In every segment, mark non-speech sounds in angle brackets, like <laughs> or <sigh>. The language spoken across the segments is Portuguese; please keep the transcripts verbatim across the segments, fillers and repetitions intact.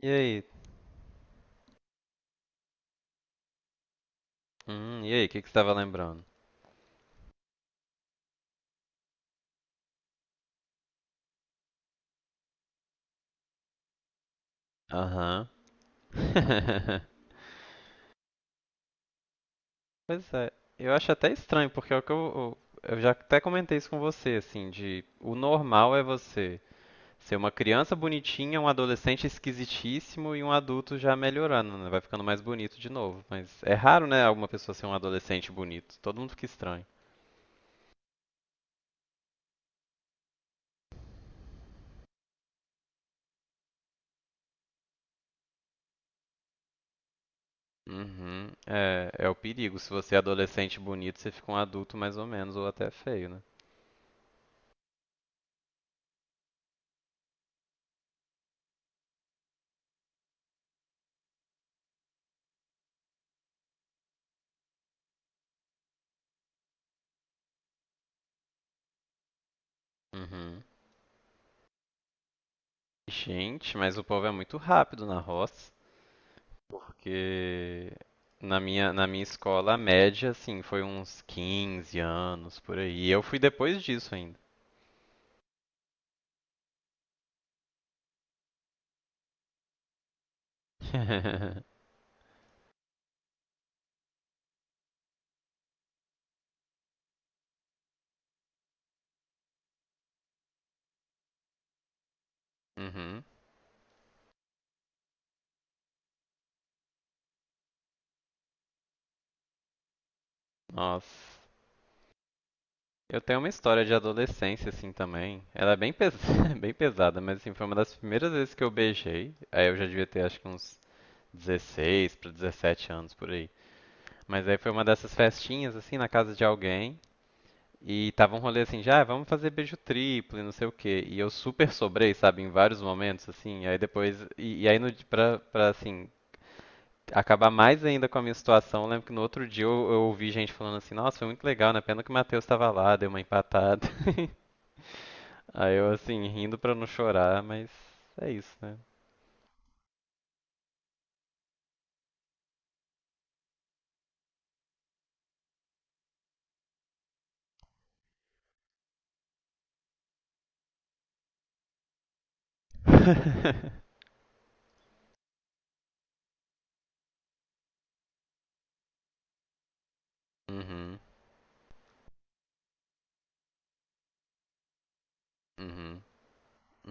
E aí? Hum, e aí, o que que você estava lembrando? Aham. <laughs> Pois é, eu acho até estranho, porque é o que eu, eu, eu já até comentei isso com você, assim, de o normal é você ser uma criança bonitinha, um adolescente esquisitíssimo e um adulto já melhorando, né? Vai ficando mais bonito de novo. Mas é raro, né, alguma pessoa ser um adolescente bonito. Todo mundo fica estranho. Uhum. É, é o perigo. Se você é adolescente bonito, você fica um adulto mais ou menos, ou até feio, né? Uhum. Gente, mas o povo é muito rápido na roça, porque na minha, na minha escola a média, assim, foi uns quinze anos por aí. E eu fui depois disso ainda. <laughs> Uhum. Nossa. Eu tenho uma história de adolescência, assim, também. Ela é bem, pes... <laughs> bem pesada, mas, assim, foi uma das primeiras vezes que eu beijei. Aí eu já devia ter, acho que uns dezesseis para dezessete anos por aí. Mas aí foi uma dessas festinhas, assim, na casa de alguém. E tava um rolê assim, já, "Ah, vamos fazer beijo triplo e não sei o quê. E eu super sobrei, sabe, em vários momentos, assim. Aí depois, e, e aí no, di- pra, pra, assim, acabar mais ainda com a minha situação, eu lembro que no outro dia eu, eu ouvi gente falando assim, nossa, foi muito legal, né? Pena que o Matheus tava lá, deu uma empatada. <laughs> Aí eu, assim, rindo pra não chorar, mas é isso, né? <laughs> Uhum, uhum.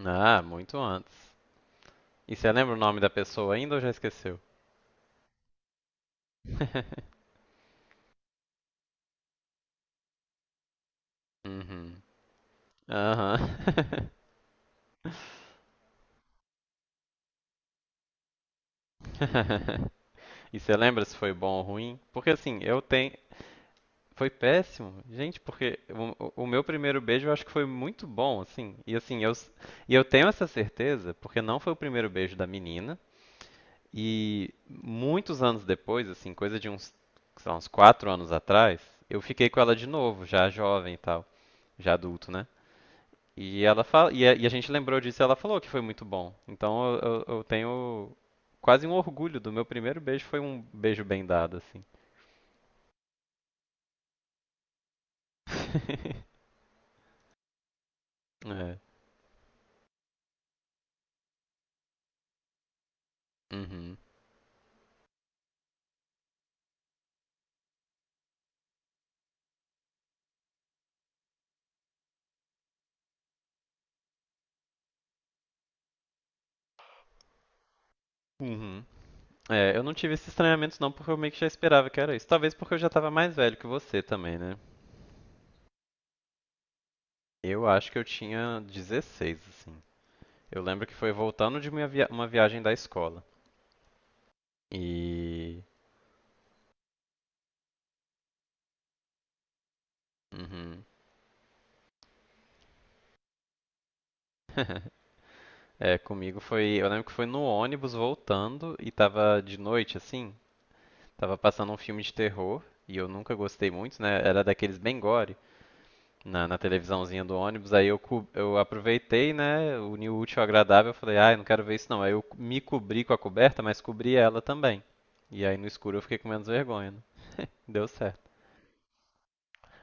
Ah, muito antes. E você lembra o nome da pessoa ainda ou já esqueceu? <laughs> Uhum. Aham. <laughs> <laughs> E você lembra se foi bom ou ruim? Porque assim, eu tenho. Foi péssimo, gente, porque o, o meu primeiro beijo eu acho que foi muito bom, assim. E assim, eu, e eu tenho essa certeza, porque não foi o primeiro beijo da menina. E muitos anos depois, assim, coisa de uns, sei lá, uns quatro anos atrás, eu fiquei com ela de novo, já jovem e tal. Já adulto, né? E ela fala, e a, e a gente lembrou disso e ela falou que foi muito bom. Então eu, eu- eu tenho quase um orgulho do meu primeiro beijo, foi um beijo bem dado, assim. <laughs> É. Uhum. Uhum. É, eu não tive esses estranhamentos não, porque eu meio que já esperava que era isso. Talvez porque eu já tava mais velho que você também, né? Eu acho que eu tinha dezesseis, assim. Eu lembro que foi voltando de minha via- uma viagem da escola. E. Uhum. <laughs> É, comigo foi. Eu lembro que foi no ônibus voltando e tava de noite, assim. Tava passando um filme de terror e eu nunca gostei muito, né? Era daqueles bem gore na, na televisãozinha do ônibus. Aí eu, co- eu aproveitei, né? Uni o útil ao agradável. Eu falei, ai, não quero ver isso não. Aí eu me cobri com a coberta, mas cobri ela também. E aí no escuro eu fiquei com menos vergonha, né? Deu certo.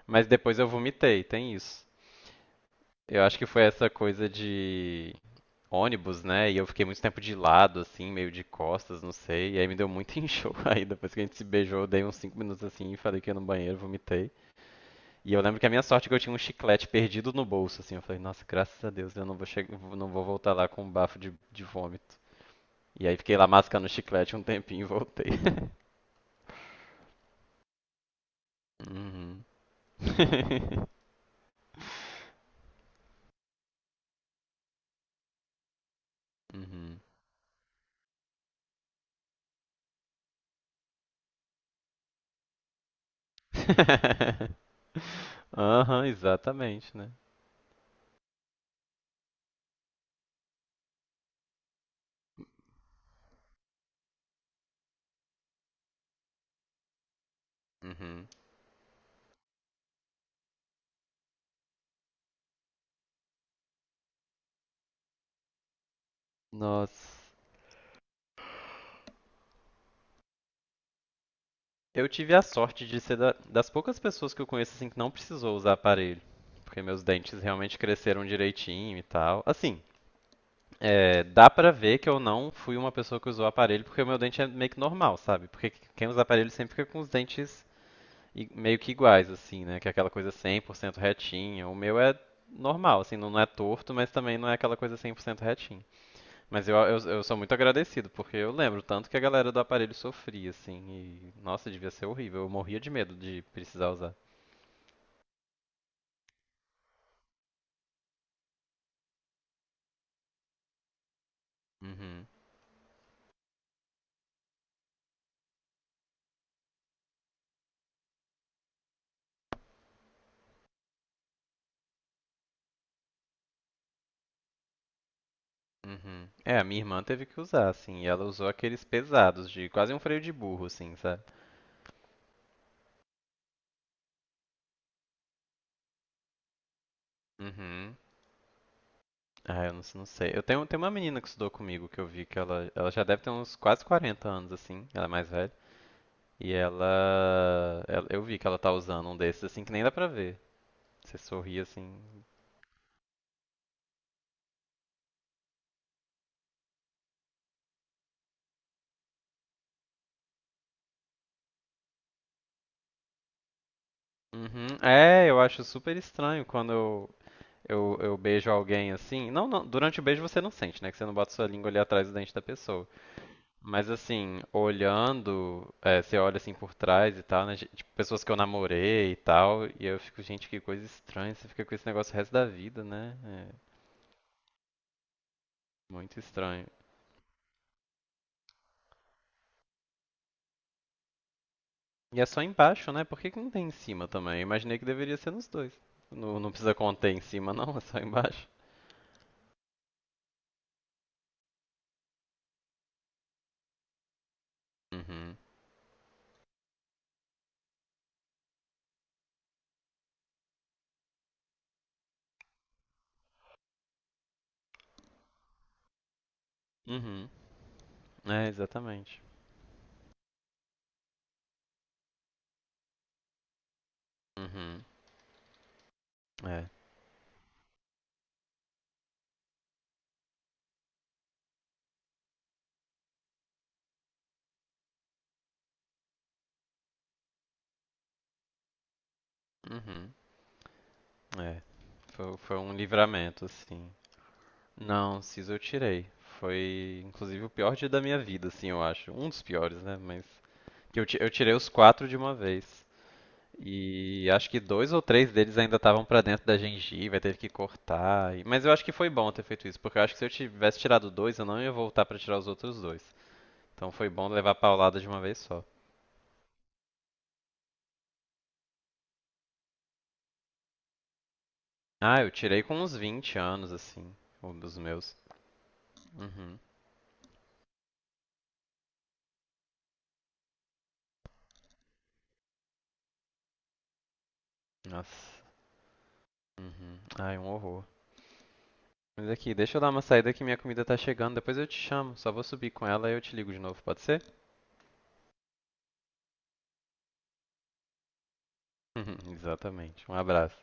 Mas depois eu vomitei, tem isso. Eu acho que foi essa coisa de ônibus, né? E eu fiquei muito tempo de lado, assim, meio de costas, não sei. E aí me deu muito <laughs> enjoo. Aí depois que a gente se beijou, eu dei uns cinco minutos assim e falei que ia no banheiro, vomitei. E eu lembro que a minha sorte é que eu tinha um chiclete perdido no bolso, assim. Eu falei, nossa, graças a Deus, eu não vou che- não vou voltar lá com um bafo de, de, vômito. E aí fiquei lá mascando o chiclete um tempinho e voltei. <laughs> Uhum. <laughs> Uhum. <laughs> Aham, exatamente, né? Uhum. Nossa. Eu tive a sorte de ser da- das poucas pessoas que eu conheço assim que não precisou usar aparelho, porque meus dentes realmente cresceram direitinho e tal. Assim, é, dá pra ver que eu não fui uma pessoa que usou aparelho, porque o meu dente é meio que normal, sabe? Porque quem usa aparelho sempre fica com os dentes i- meio que iguais, assim, né? Que é aquela coisa cem por cento retinha. O meu é normal, assim, não não é torto, mas também não é aquela coisa cem por cento retinha. Mas eu, eu, eu sou muito agradecido, porque eu lembro tanto que a galera do aparelho sofria, assim, e nossa, devia ser horrível. Eu morria de medo de precisar usar. Uhum, uhum. É, a minha irmã teve que usar, assim, e ela usou aqueles pesados, de quase um freio de burro, assim, sabe? Uhum. Ah, eu não, não sei. Eu tenho, tenho uma menina que estudou comigo que eu vi que ela, ela já deve ter uns quase quarenta anos, assim, ela é mais velha. E ela, ela- eu vi que ela tá usando um desses, assim, que nem dá pra ver. Você sorri, assim. Uhum. É, eu acho super estranho quando eu, eu, eu beijo alguém assim. Não, não, durante o beijo você não sente, né? Que você não bota sua língua ali atrás do dente da pessoa. Mas assim, olhando, é, você olha assim por trás e tal, né? Tipo, pessoas que eu namorei e tal. E eu fico, gente, que coisa estranha. Você fica com esse negócio o resto da vida, né? É muito estranho. E é só embaixo, né? Por que que não tem em cima também? Eu imaginei que deveria ser nos dois. Não, não precisa conter em cima, não, é só embaixo. Uhum. Uhum. É, exatamente. Uhum. É. Uhum. É. Foi, foi um livramento, assim. Não, siso eu tirei. Foi, inclusive, o pior dia da minha vida, assim, eu acho. Um dos piores, né? Mas que eu, ti- eu tirei os quatro de uma vez. E acho que dois ou três deles ainda estavam pra dentro da gengiva, teve que cortar. E- Mas eu acho que foi bom ter feito isso, porque eu acho que se eu tivesse tirado dois, eu não ia voltar pra tirar os outros dois. Então foi bom levar a paulada de uma vez só. Ah, eu tirei com uns vinte anos, assim, um dos meus. Uhum. Nossa. Uhum. Ai, um horror. Mas aqui, deixa eu dar uma saída que minha comida tá chegando, depois eu te chamo. Só vou subir com ela e eu te ligo de novo, pode ser? <laughs> Exatamente. Um abraço.